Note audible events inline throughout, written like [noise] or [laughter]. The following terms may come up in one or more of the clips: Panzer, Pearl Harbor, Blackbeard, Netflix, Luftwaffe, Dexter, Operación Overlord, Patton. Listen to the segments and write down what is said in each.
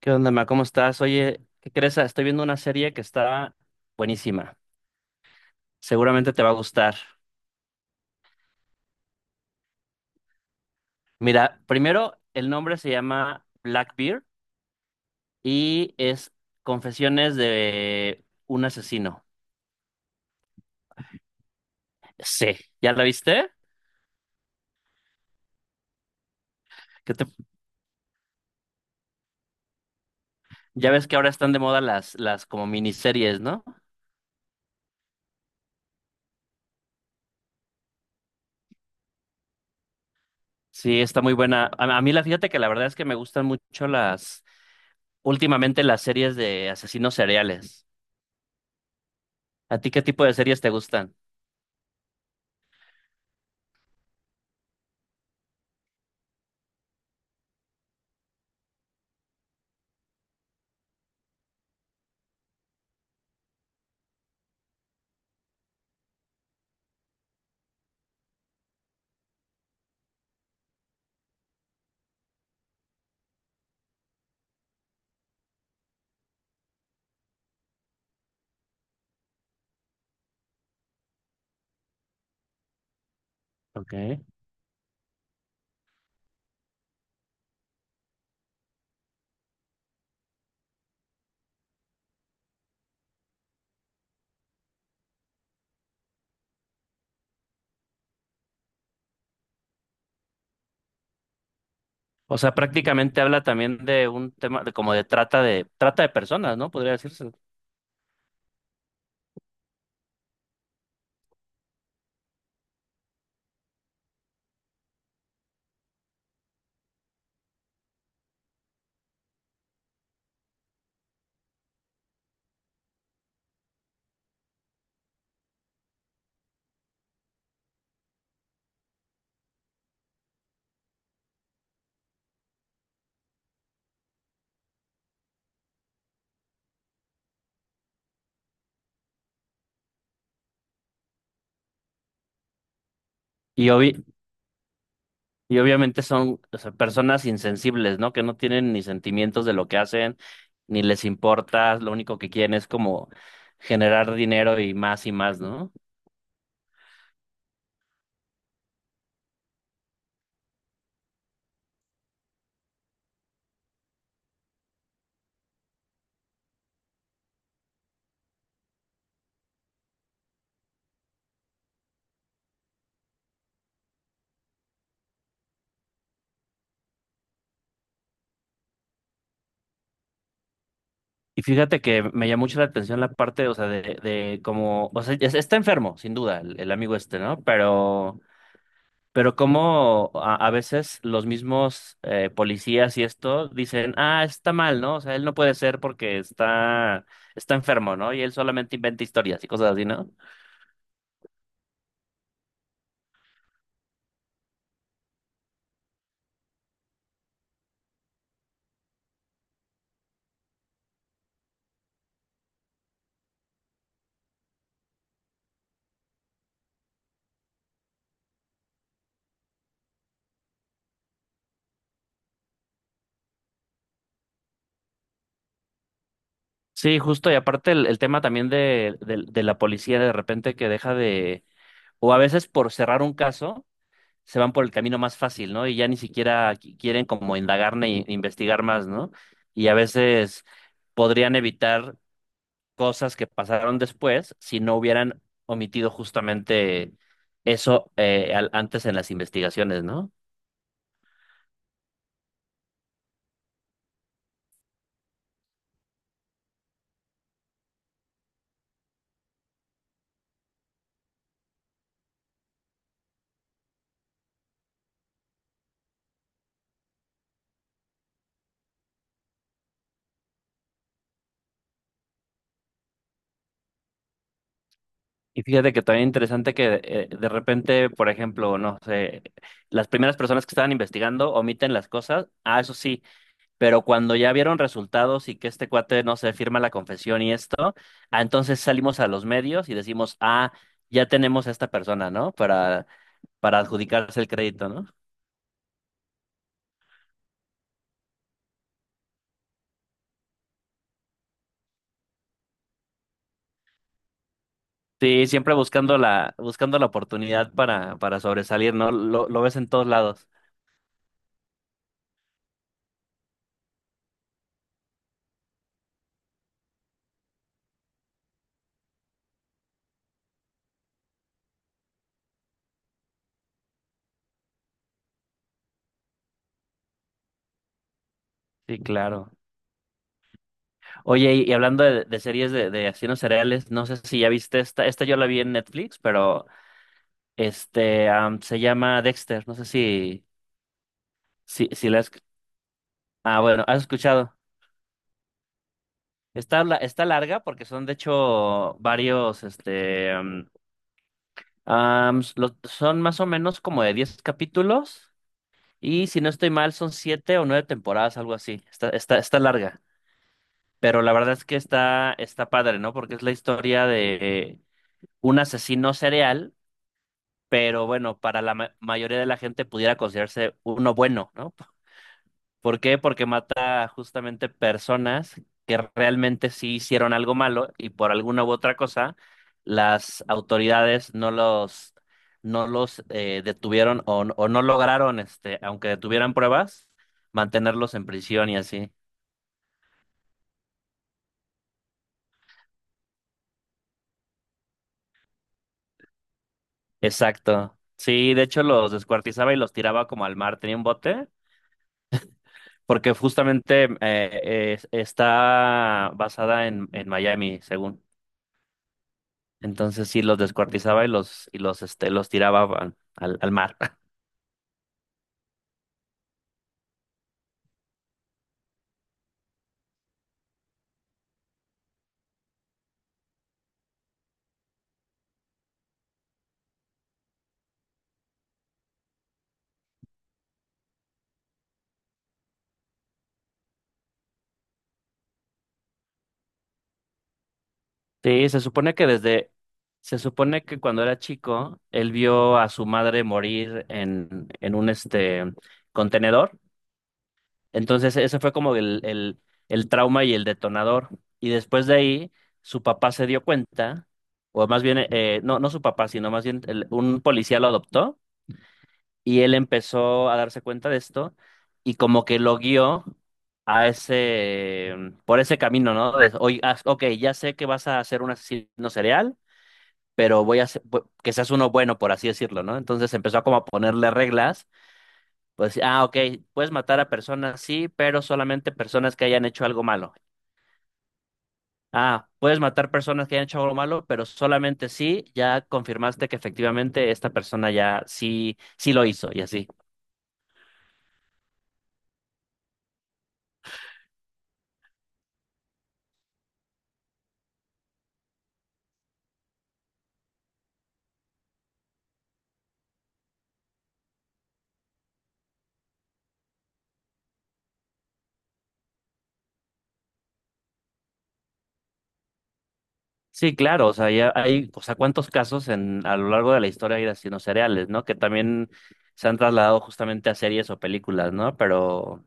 ¿Qué onda, ma? ¿Cómo estás? Oye, ¿qué crees? Estoy viendo una serie que está buenísima. Seguramente te va a gustar. Mira, primero, el nombre se llama Blackbeard y es Confesiones de un asesino. Sí, ¿ya la viste? ¿Qué te- Ya ves que ahora están de moda las como miniseries, ¿no? Sí, está muy buena. A mí la fíjate que la verdad es que me gustan mucho las, últimamente las series de asesinos seriales. ¿A ti qué tipo de series te gustan? Ok. O sea, prácticamente habla también de un tema de como de trata de trata de personas, ¿no? Podría decirse. Y obvi- y obviamente son, o sea, personas insensibles, ¿no? Que no tienen ni sentimientos de lo que hacen, ni les importa, lo único que quieren es como generar dinero y más, ¿no? Y fíjate que me llamó mucho la atención la parte, o sea, de como, o sea, está enfermo, sin duda, el amigo este, ¿no? Pero como a veces los mismos policías y esto dicen, ah, está mal, ¿no? O sea, él no puede ser porque está, está enfermo, ¿no? Y él solamente inventa historias y cosas así, ¿no? Sí, justo. Y aparte el tema también de la policía de repente que deja de, o a veces por cerrar un caso, se van por el camino más fácil, ¿no? Y ya ni siquiera quieren como indagar ni investigar más, ¿no? Y a veces podrían evitar cosas que pasaron después si no hubieran omitido justamente eso antes en las investigaciones, ¿no? Y fíjate que también interesante que de repente, por ejemplo, no sé, las primeras personas que estaban investigando omiten las cosas, ah, eso sí, pero cuando ya vieron resultados y que este cuate, no se firma la confesión y esto, ah, entonces salimos a los medios y decimos, ah, ya tenemos a esta persona, ¿no? Para adjudicarse el crédito, ¿no? Sí, siempre buscando la oportunidad para sobresalir, ¿no? Lo ves en todos lados. Sí, claro. Oye, y hablando de series de asesinos cereales, no sé si ya viste esta, esta yo la vi en Netflix, pero se llama Dexter, no sé si, si, si la has, ah, bueno, has escuchado. Está, está larga porque son de hecho varios, son más o menos como de 10 capítulos. Y si no estoy mal, son 7 o 9 temporadas, algo así. Está, está, está larga. Pero la verdad es que está, está padre, ¿no? Porque es la historia de un asesino serial, pero bueno, para la mayoría de la gente pudiera considerarse uno bueno, ¿no? ¿Por qué? Porque mata justamente personas que realmente sí hicieron algo malo y por alguna u otra cosa las autoridades no los, no los detuvieron o no lograron, este, aunque detuvieran pruebas, mantenerlos en prisión y así. Exacto. Sí, de hecho los descuartizaba y los tiraba como al mar. Tenía un bote porque justamente está basada en Miami, según. Entonces sí los descuartizaba y los este los tiraba al, al al mar. [laughs] Sí, se supone que desde se supone que cuando era chico él vio a su madre morir en un este contenedor. Entonces, eso fue como el trauma y el detonador. Y después de ahí, su papá se dio cuenta, o más bien, no su papá, sino más bien un policía lo adoptó y él empezó a darse cuenta de esto y como que lo guió a ese, por ese camino, ¿no? De, oye, ok, ya sé que vas a ser un asesino serial, pero voy a hacer- que seas uno bueno, por así decirlo, ¿no? Entonces empezó a como a ponerle reglas pues, ah, ok, puedes matar a personas, sí, pero solamente personas que hayan hecho algo malo. Ah, puedes matar personas que hayan hecho algo malo, pero solamente si ya confirmaste que efectivamente esta persona ya sí, sí lo hizo y así. Sí, claro, o sea, ya hay, o sea, cuántos casos en, a lo largo de la historia hay de asesinos seriales, ¿no? Que también se han trasladado justamente a series o películas, ¿no? Pero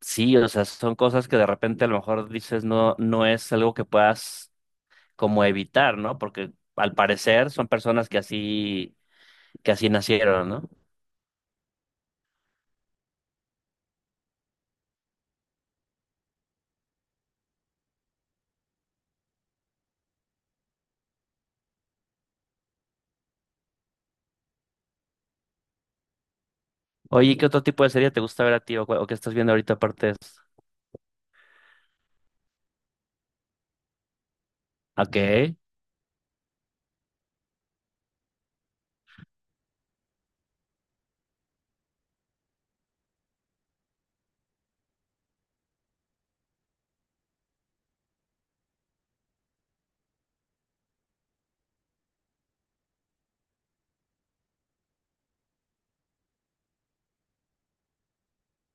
sí, o sea, son cosas que de repente a lo mejor dices no, no es algo que puedas como evitar, ¿no? Porque al parecer son personas que así nacieron, ¿no? Oye, ¿y ¿qué otro tipo de serie te gusta ver a ti o, o qué estás viendo ahorita aparte de eso? Ok.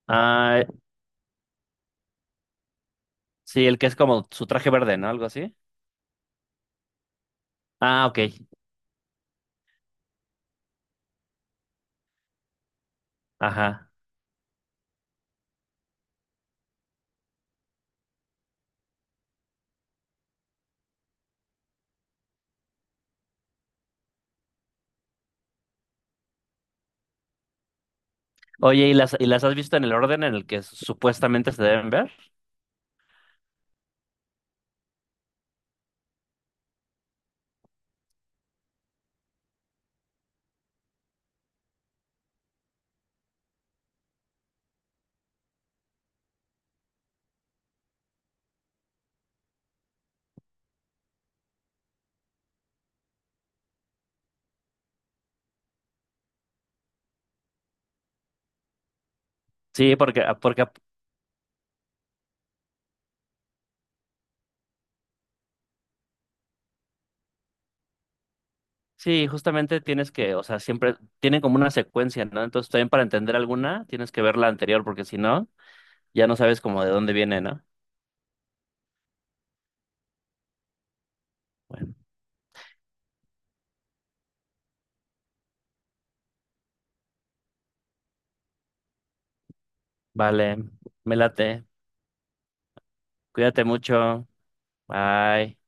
Ah, sí, el que es como su traje verde, ¿no? Algo así. Ah, ok. Ajá. Oye, y las has visto en el orden en el que supuestamente se deben ver? Sí, porque ah, sí, justamente tienes que, o sea, siempre tienen como una secuencia, ¿no? Entonces también para entender alguna tienes que ver la anterior, porque si no, ya no sabes como de dónde viene, ¿no? Bueno. Vale, me late. Cuídate mucho. Bye.